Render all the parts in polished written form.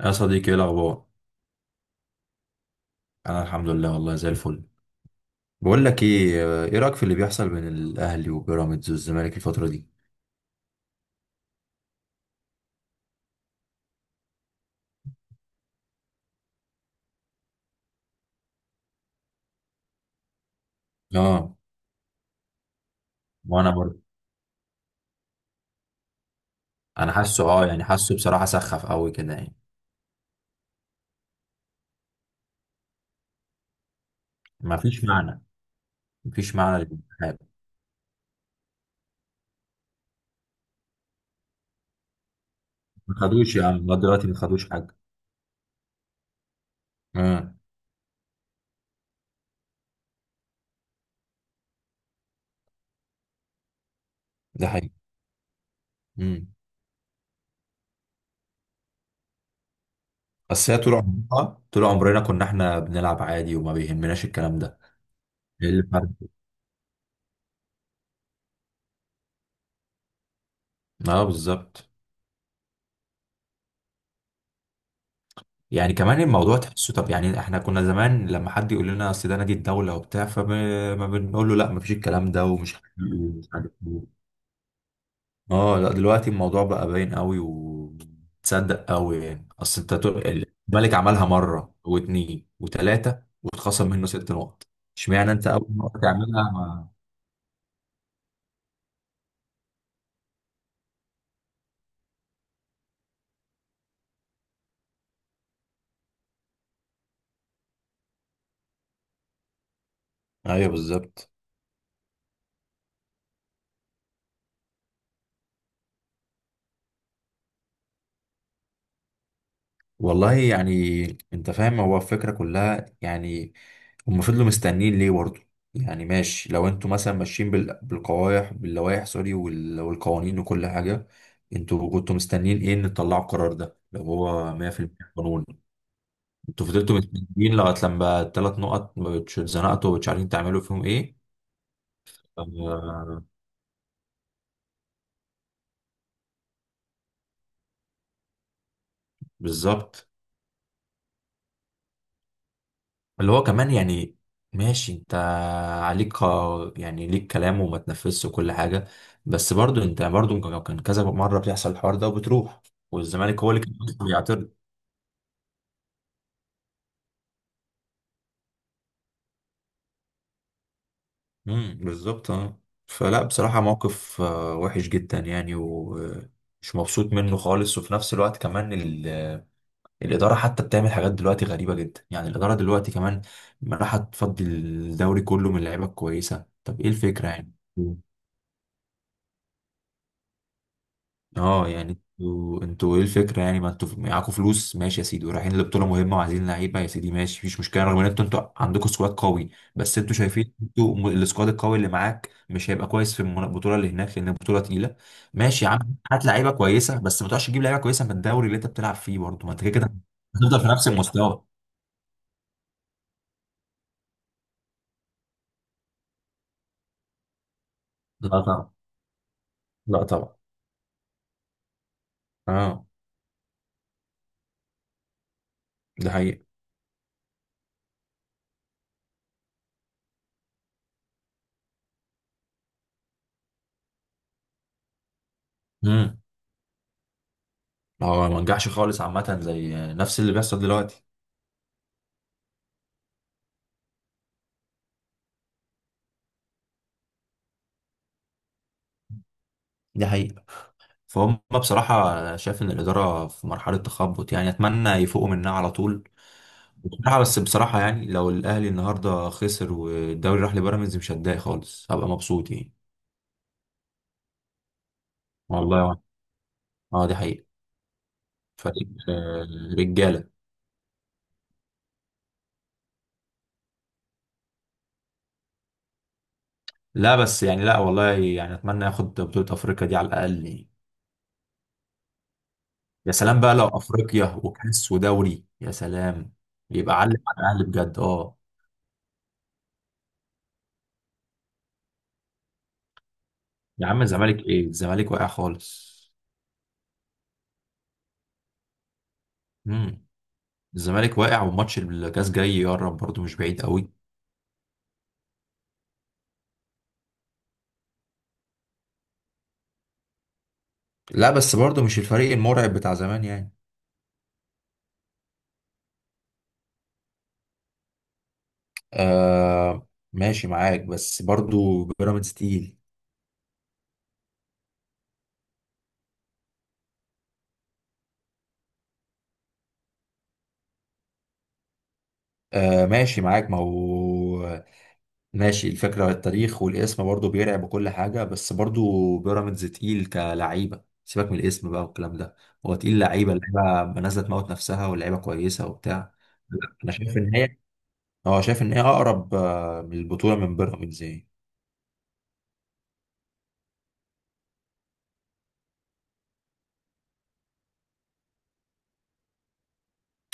يا صديقي، ايه الاخبار؟ انا الحمد لله، والله زي الفل. بقول لك ايه رايك في اللي بيحصل بين الاهلي وبيراميدز والزمالك الفتره دي؟ اه. وانا برضه. انا حاسه اه يعني حاسه بصراحه سخف قوي كده يعني. ما فيش معنى، ما فيش معنى للانتخاب. ما خدوش يا عم، لغايه دلوقتي ما خدوش حاجه. اه. ده حقيقي. امم. بس هي طول عمرنا، طول عمرنا كنا احنا بنلعب عادي وما بيهمناش الكلام ده. ايه اللي فرق؟ اه بالظبط. يعني كمان الموضوع تحسه، طب يعني احنا كنا زمان لما حد يقول لنا اصل ده نادي الدوله وبتاع، فما ما بنقول له لا مفيش الكلام ده ومش حقيقي، ومش عارف ايه. اه لا، دلوقتي الموضوع بقى باين قوي وتصدق قوي يعني، اصل الملك عملها مره واتنين وتلاته واتخصم منه ست نقط. اشمعنى انت اول مره تعملها ما... ايوه بالظبط. والله يعني، انت فاهم هو الفكرة كلها يعني. هم فضلوا مستنيين ليه برضه؟ يعني ماشي، لو انتوا مثلا ماشيين بالقوايح، باللوائح سوري، والقوانين وكل حاجة، انتوا كنتوا مستنيين ايه ان تطلعوا القرار ده لو هو 100% قانون؟ انتوا فضلتوا مستنيين لغاية لما الثلاث نقط ما بتش- اتزنقتوا ومش عارفين تعملوا فيهم ايه. آه، بالظبط. اللي هو كمان يعني، ماشي انت، يعني ليك كلام وما تنفذش وكل حاجة، بس برضو انت برضو كان كذا مرة بيحصل الحوار ده وبتروح، والزمالك هو اللي كان بيعترض. امم، بالظبط، اه. فلا بصراحة موقف وحش جدا يعني، ومش مبسوط منه خالص، وفي نفس الوقت كمان الإدارة حتى بتعمل حاجات دلوقتي غريبة جدا. يعني الإدارة دلوقتي كمان راح تفضي الدوري كله من لعيبة كويسة، طب ايه الفكرة يعني؟ اه. يعني انتوا ايه الفكره يعني، ما انتوا معاكوا فلوس ماشي يا سيدي، ورايحين لبطوله مهمه وعايزين لعيبه يا سيدي ماشي، مفيش مشكله، رغم ان انتوا عندكوا سكواد قوي. بس انتوا شايفين انتوا السكواد القوي اللي معاك مش هيبقى كويس في البطوله اللي هناك، لان البطوله تقيله. ماشي يا عم، هات لعيبه كويسه، بس ما تقعدش تجيب لعيبه كويسه من الدوري اللي انت بتلعب فيه برضه، ما انت كده كده هتفضل في نفس المستوى. لا طبعا، لا طبعا. اه، ده حقيقه. امم هو ما نجحش خالص عامه، زي نفس اللي بيحصل دلوقتي. دي حقيقة. فهم بصراحة، أنا شايف إن الإدارة في مرحلة تخبط يعني، أتمنى يفوقوا منها على طول. بصراحة بس بصراحة، يعني لو الأهلي النهاردة خسر والدوري راح لبيراميدز مش هتضايق خالص، هبقى مبسوط يعني. والله وأنا. اه، دي حقيقة. فريق رجالة. لا بس يعني، لا والله يعني أتمنى ياخد بطولة أفريقيا دي على الأقل يعني. يا سلام بقى لو أفريقيا وكأس ودوري، يا سلام، يبقى علم على الأهلي بجد، اه. يا عم الزمالك، إيه الزمالك، واقع خالص. مم. الزمالك واقع، وماتش الكاس جاي يقرب برضه، مش بعيد قوي. لا بس برضه مش الفريق المرعب بتاع زمان يعني. آه ماشي معاك، بس برضه بيراميدز تقيل. آه ماشي معاك، ما هو ماشي، الفكرة التاريخ والاسم برضه بيرعب وكل حاجة، بس برضه بيراميدز تقيل كلعيبة. سيبك من الاسم بقى والكلام ده، هو تقيل لعيبة، لعيبة نازلة تموت نفسها ولعيبة كويسة وبتاع. لا، انا شايف ان هي اه شايف ان هي اقرب من البطولة من بيراميدز يعني.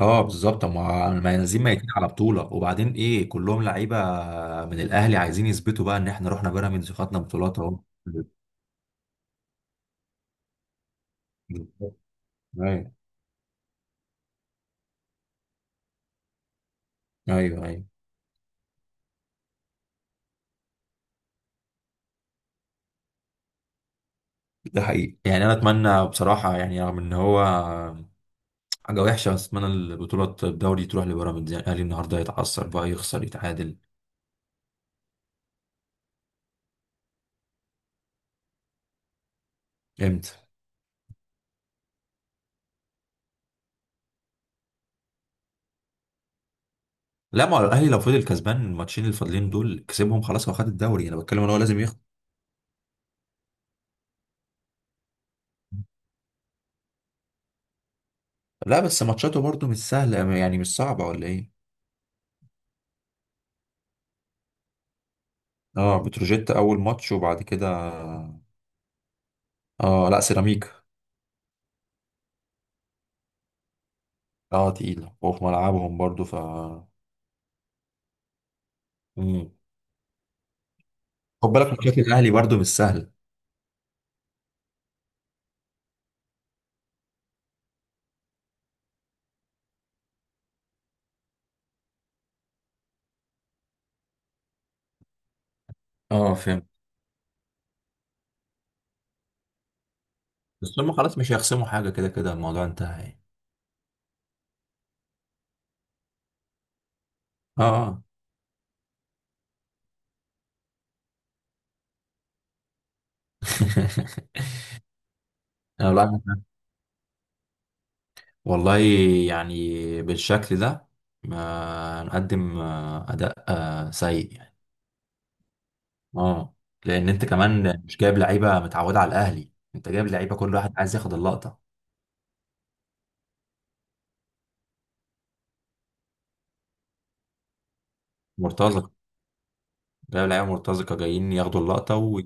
اه بالظبط، ما نازلين ميتين على بطوله، وبعدين ايه كلهم لعيبه من الاهلي عايزين يثبتوا بقى ان احنا رحنا بيراميدز خدنا بطولات اهو. بالظبط. ايوه، ايوه، ايوه، ده حقيقي يعني. انا اتمنى بصراحه يعني، رغم ان هو حاجه وحشه، بس اتمنى الدوري تروح لبيراميدز يعني، الاهلي النهارده يتعثر بقى، يخسر، يتعادل. امتى؟ لا ما هو الاهلي لو فضل كسبان الماتشين الفاضلين دول كسبهم خلاص، هو خد الدوري، انا بتكلم ان هو لازم يخسر. لا بس ماتشاته برضه مش سهله يعني، مش صعبه ولا ايه. اه، بتروجيت اول ماتش، وبعد كده اه لا سيراميكا. اه تقيلة، وفي ملعبهم برضو مم. خد بالك ماتشات الاهلي برضو مش سهل. اه فهمت، بس هم خلاص مش هيخصموا حاجة، كده كده الموضوع انتهى يعني. اه. آه. أنا لا، والله يعني، بالشكل ده ما نقدم اداء سيء يعني. اه. لان انت كمان مش جايب لعيبه متعوده على الاهلي، انت جايب لعيبه كل واحد عايز ياخد اللقطه. مرتزق. جايب لعيبه مرتزقه جايين ياخدوا اللقطه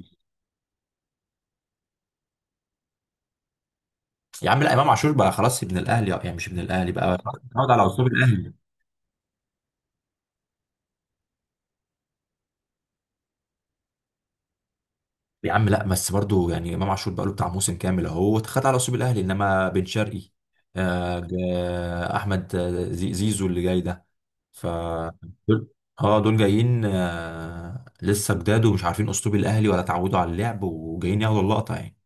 يا عم لا، امام عاشور بقى خلاص ابن الاهلي يعني، مش ابن الاهلي بقى، اتعود على اسلوب الاهلي. يا عم لا بس برضو يعني، امام عاشور بقى له بتاع موسم كامل، اهو اتخذ على اسلوب الاهلي، انما بن شرقي، احمد، زيزو اللي جاي ده، ف دول. اه دول جايين، لسه جداد ومش عارفين اسلوب الاهلي ولا اتعودوا على اللعب، وجايين ياخدوا اللقطه يعني.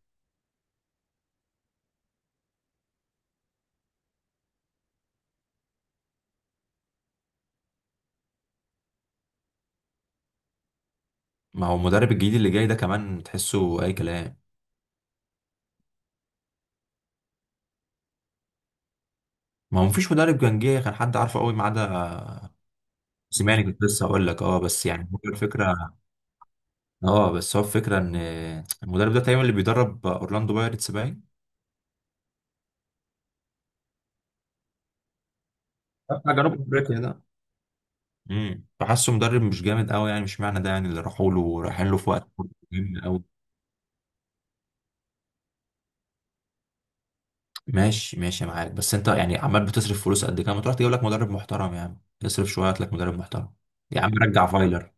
ما هو المدرب الجديد اللي جاي ده كمان تحسه اي كلام، ما هو مفيش مدرب كان جه كان حد عارفه قوي ما عدا سيماني، كنت لسه هقول لك، بس يعني هو الفكره، اه بس هو الفكره ان المدرب ده تقريبا اللي بيدرب اورلاندو بايرتس باين، بتاع جنوب افريقيا ده. فحاسه مدرب مش جامد قوي يعني، مش معنى ده يعني اللي راحوا له رايحين له في وقت مهم قوي. ماشي ماشي معاك، بس انت يعني عمال بتصرف فلوس قد كده، ما تروح تجيب لك مدرب محترم يا عم، اصرف شويه هات لك مدرب محترم. يا عم رجع فايلر.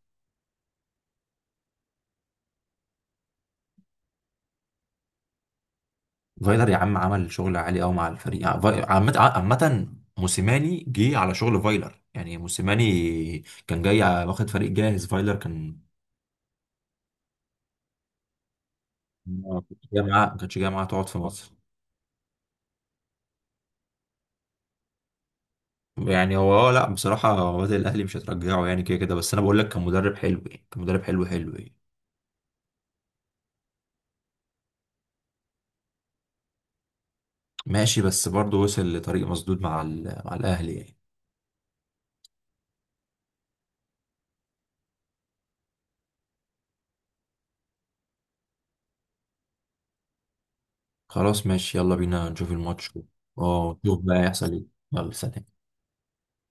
فايلر يا عم عمل شغل عالي قوي مع الفريق يعني، عامة. موسيماني جه على شغل فايلر يعني، موسيماني كان جاي واخد فريق جاهز، فايلر كان ما كانش جاي معاه تقعد في مصر. يعني هو لا بصراحة، وادي الأهلي مش هترجعه يعني كده كده، بس أنا بقول لك كان مدرب حلو يعني، كان مدرب حلو حلو يعني. ماشي بس برضه وصل لطريق مسدود مع مع الأهلي يعني. خلاص ماشي، يلا بينا نشوف الماتش. اه، نشوف بقى هيحصل ايه. يلا سلام.